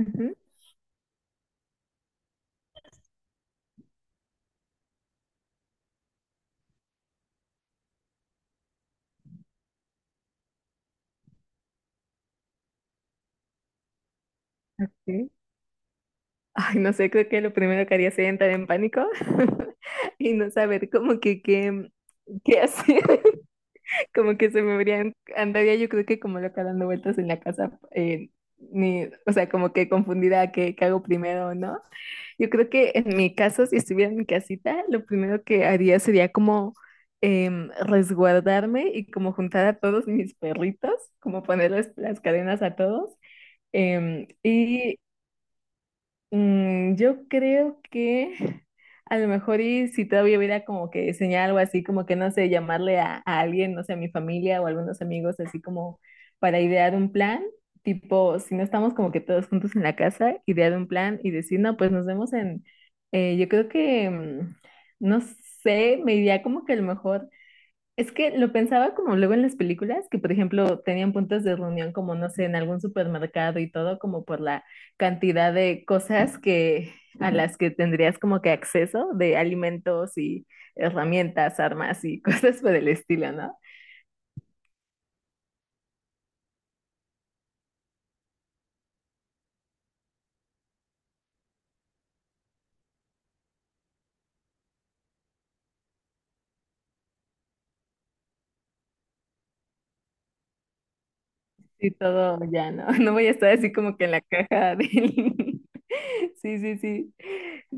Ujú, ok. Ay, no sé, creo que lo primero que haría sería entrar en pánico y no saber como que qué, qué hacer. Como que se me habrían, andaría yo creo que como loca dando vueltas en la casa, ni, o sea, como que confundida qué, qué hago primero o no. Yo creo que en mi caso, si estuviera en mi casita, lo primero que haría sería como resguardarme y como juntar a todos mis perritos, como ponerles las cadenas a todos. em, y yo creo que a lo mejor y si todavía hubiera como que diseñar algo así, como que no sé, llamarle a alguien, no sé, a mi familia o a algunos amigos, así como para idear un plan, tipo, si no estamos como que todos juntos en la casa, idear un plan y decir, no, pues nos vemos en, yo creo que, no sé, me iría como que a lo mejor es que lo pensaba como luego en las películas, que por ejemplo tenían puntos de reunión como, no sé, en algún supermercado y todo, como por la cantidad de cosas que a las que tendrías como que acceso, de alimentos y herramientas, armas y cosas por el estilo, ¿no? Sí, todo ya, ¿no? No voy a estar así como que en la caja del... Sí, sí, sí.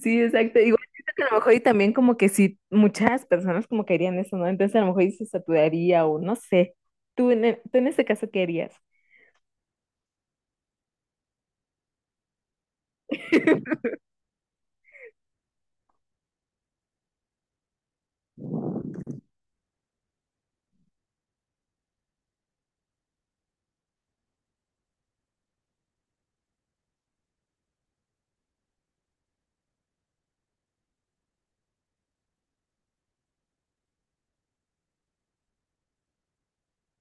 Sí, exacto. Igual siento que a lo mejor y también como que sí, muchas personas como que harían eso, ¿no? Entonces a lo mejor y se saturaría o no sé. ¿Tú en, tú en este caso qué harías?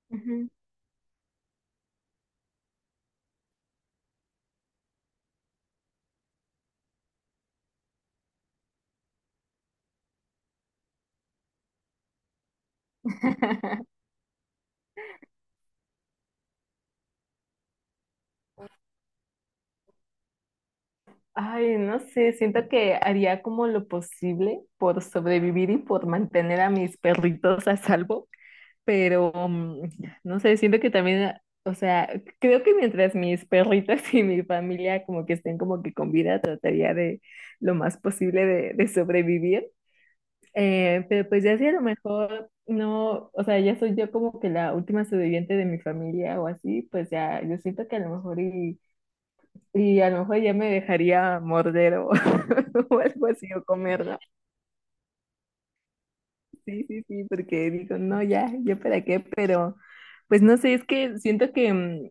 Ujú. Ay, no sé, siento que haría como lo posible por sobrevivir y por mantener a mis perritos a salvo. Pero no sé, siento que también, o sea, creo que mientras mis perritos y mi familia como que estén como que con vida, trataría de lo más posible de sobrevivir. Pero pues ya si a lo mejor no, o sea, ya soy yo como que la última sobreviviente de mi familia o así, pues ya yo siento que a lo mejor y a lo mejor ya me dejaría morder o algo así o comerla. Sí, sí, sí, porque digo, no, ya, yo para qué, pero... Pues no sé, es que siento que,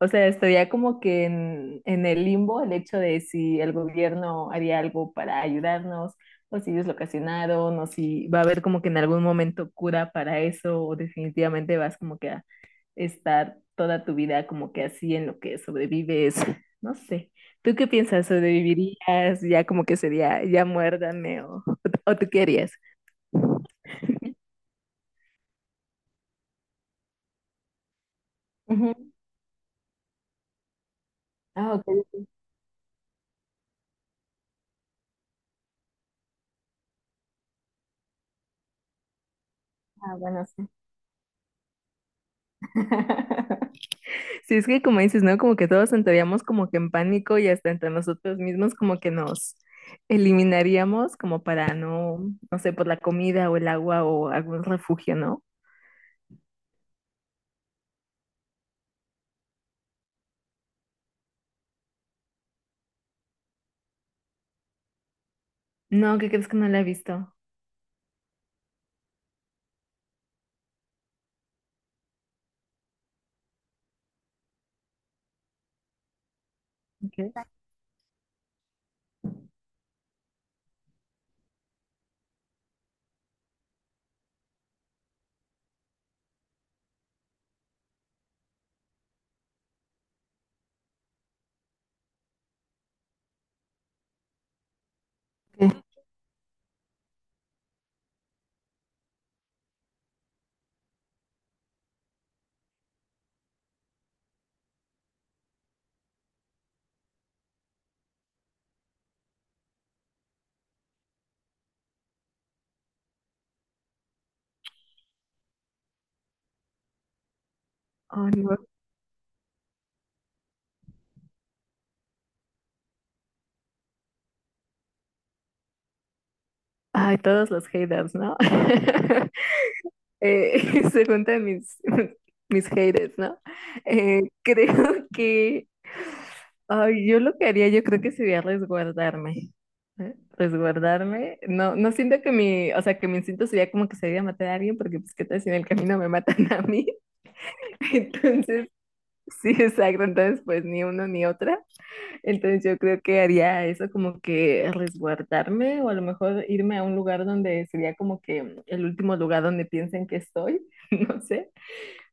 o sea, estaría como que en el limbo el hecho de si el gobierno haría algo para ayudarnos, o si ellos lo ocasionaron, o si va a haber como que en algún momento cura para eso, o definitivamente vas como que a estar toda tu vida como que así en lo que sobrevives. No sé. ¿Tú qué piensas? ¿Sobrevivirías? Ya como que sería, ya muérdame, ¿tú qué harías? Ujú. Ah, ok. Ah, bueno, sí. Sí, es que como dices, ¿no? Como que todos entraríamos como que en pánico y hasta entre nosotros mismos como que nos eliminaríamos como para no, no sé, por la comida o el agua o algún refugio, ¿no? No, ¿qué crees que no la he visto? ¿Qué? ¿Qué? Oh, no. Ay, todos los haters, ¿no? Se juntan mis, mis haters, ¿no? Creo que ay, yo lo que haría, yo creo que sería resguardarme. ¿Eh? Resguardarme. No siento que mi, o sea, que mi instinto sería como que sería matar a alguien, porque pues qué tal si en el camino me matan a mí. Entonces, sí, exacto. Entonces, pues ni uno ni otra. Entonces yo creo que haría eso como que resguardarme o a lo mejor irme a un lugar donde sería como que el último lugar donde piensen que estoy, no sé,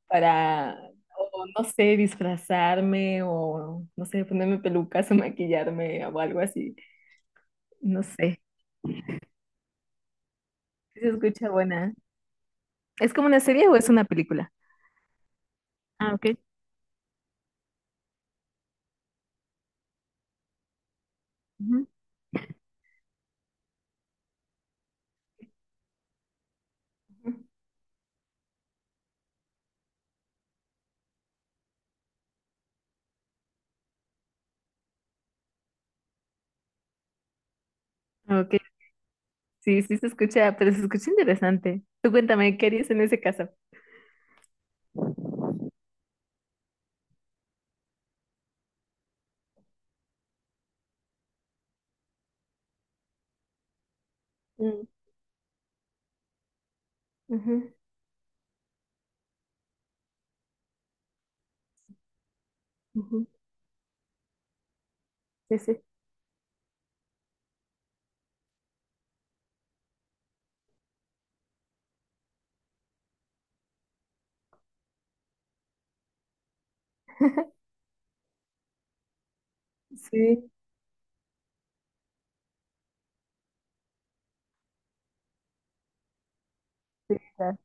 para, o no sé, disfrazarme o no sé, ponerme pelucas o maquillarme o algo así, no sé. Sí, se escucha buena. ¿Es como una serie o es una película? Ah, ok. Ujú. Ah, ok, sí, sí se escucha, pero se escucha interesante. Tú cuéntame, ¿qué harías en ese caso? Ujú, ujú. Sí, sí. Sí, sí, claro.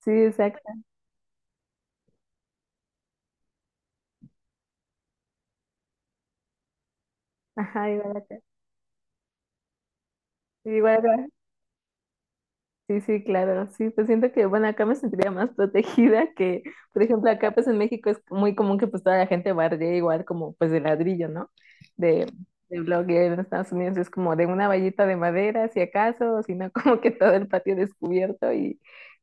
Sí, exacto. Ajá, igual acá. Igual acá. Sí, sí, claro, sí, pues siento que, bueno, acá me sentiría más protegida que, por ejemplo, acá pues en México es muy común que pues toda la gente bardee igual como pues de ladrillo, ¿no? De, de blog y en Estados Unidos es como de una vallita de madera, si acaso, o si no, como que todo el patio descubierto y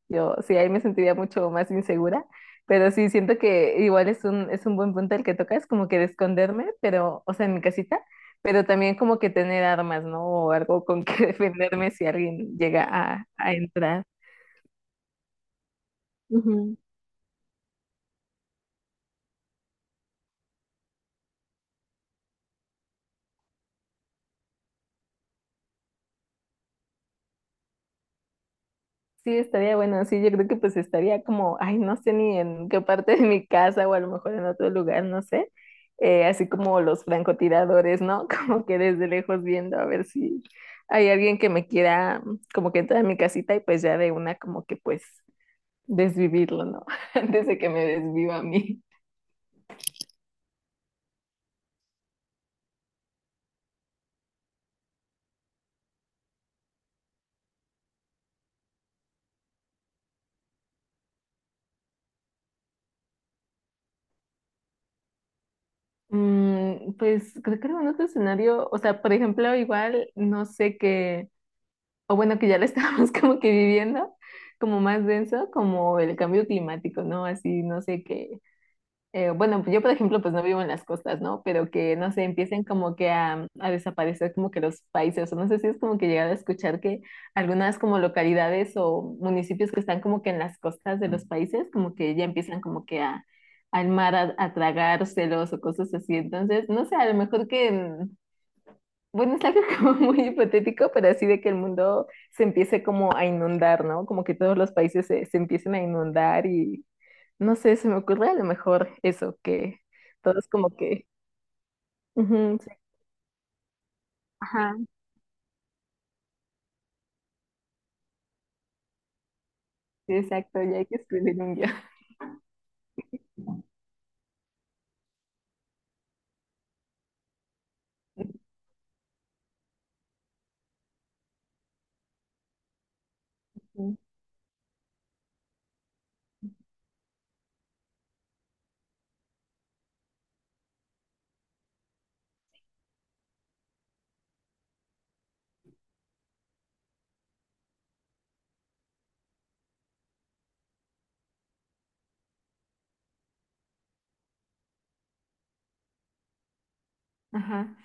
yo, sí, ahí me sentiría mucho más insegura, pero sí, siento que igual es un buen punto el que tocas, como que de esconderme, pero, o sea, en mi casita pero también como que tener armas, ¿no? O algo con que defenderme si alguien llega a entrar. Ujú. Sí, estaría bueno. Sí, yo creo que pues estaría como, ay, no sé ni en qué parte de mi casa o a lo mejor en otro lugar, no sé. Así como los francotiradores, ¿no? Como que desde lejos viendo a ver si hay alguien que me quiera como que entrar a mi casita y pues ya de una como que pues desvivirlo, ¿no? Antes de que me desviva a mí. Mm, pues creo que en un otro escenario, o sea, por ejemplo, igual no sé qué, o bueno, que ya lo estábamos como que viviendo, como más denso, como el cambio climático, ¿no? Así, no sé qué, bueno, yo por ejemplo, pues no vivo en las costas, ¿no? Pero que, no sé, empiecen como que a desaparecer como que los países, o no sé si es como que llegar a escuchar que algunas como localidades o municipios que están como que en las costas de los países, como que ya empiezan como que a, al mar a tragárselos o cosas así. Entonces, no sé, a lo mejor que, bueno, es algo como muy hipotético, pero así de que el mundo se empiece como a inundar, ¿no? Como que todos los países se empiecen a inundar y no sé, se me ocurre a lo mejor eso, que todos como que... ujú, sí, ajá, sí, exacto, ya hay que escribir un guión. Ujú, ajá,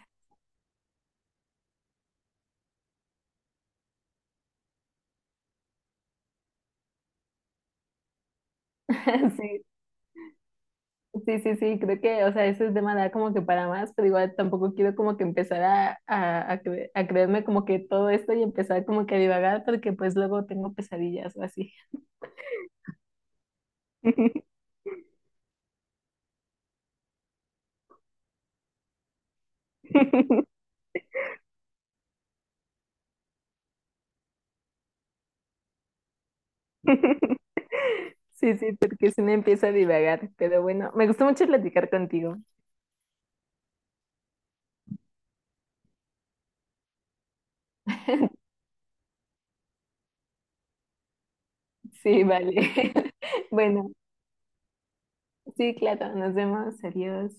sí, sí, sí, sí, creo que, o sea, ese tema da como que para más, pero igual tampoco quiero como que empezar a creerme como que todo esto y empezar como que a divagar, porque pues luego tengo pesadillas o así. Sí, sí, porque si me empieza a divagar, pero bueno, me gustó mucho platicar contigo. Sí, vale. Bueno. Sí, claro, nos vemos, adiós.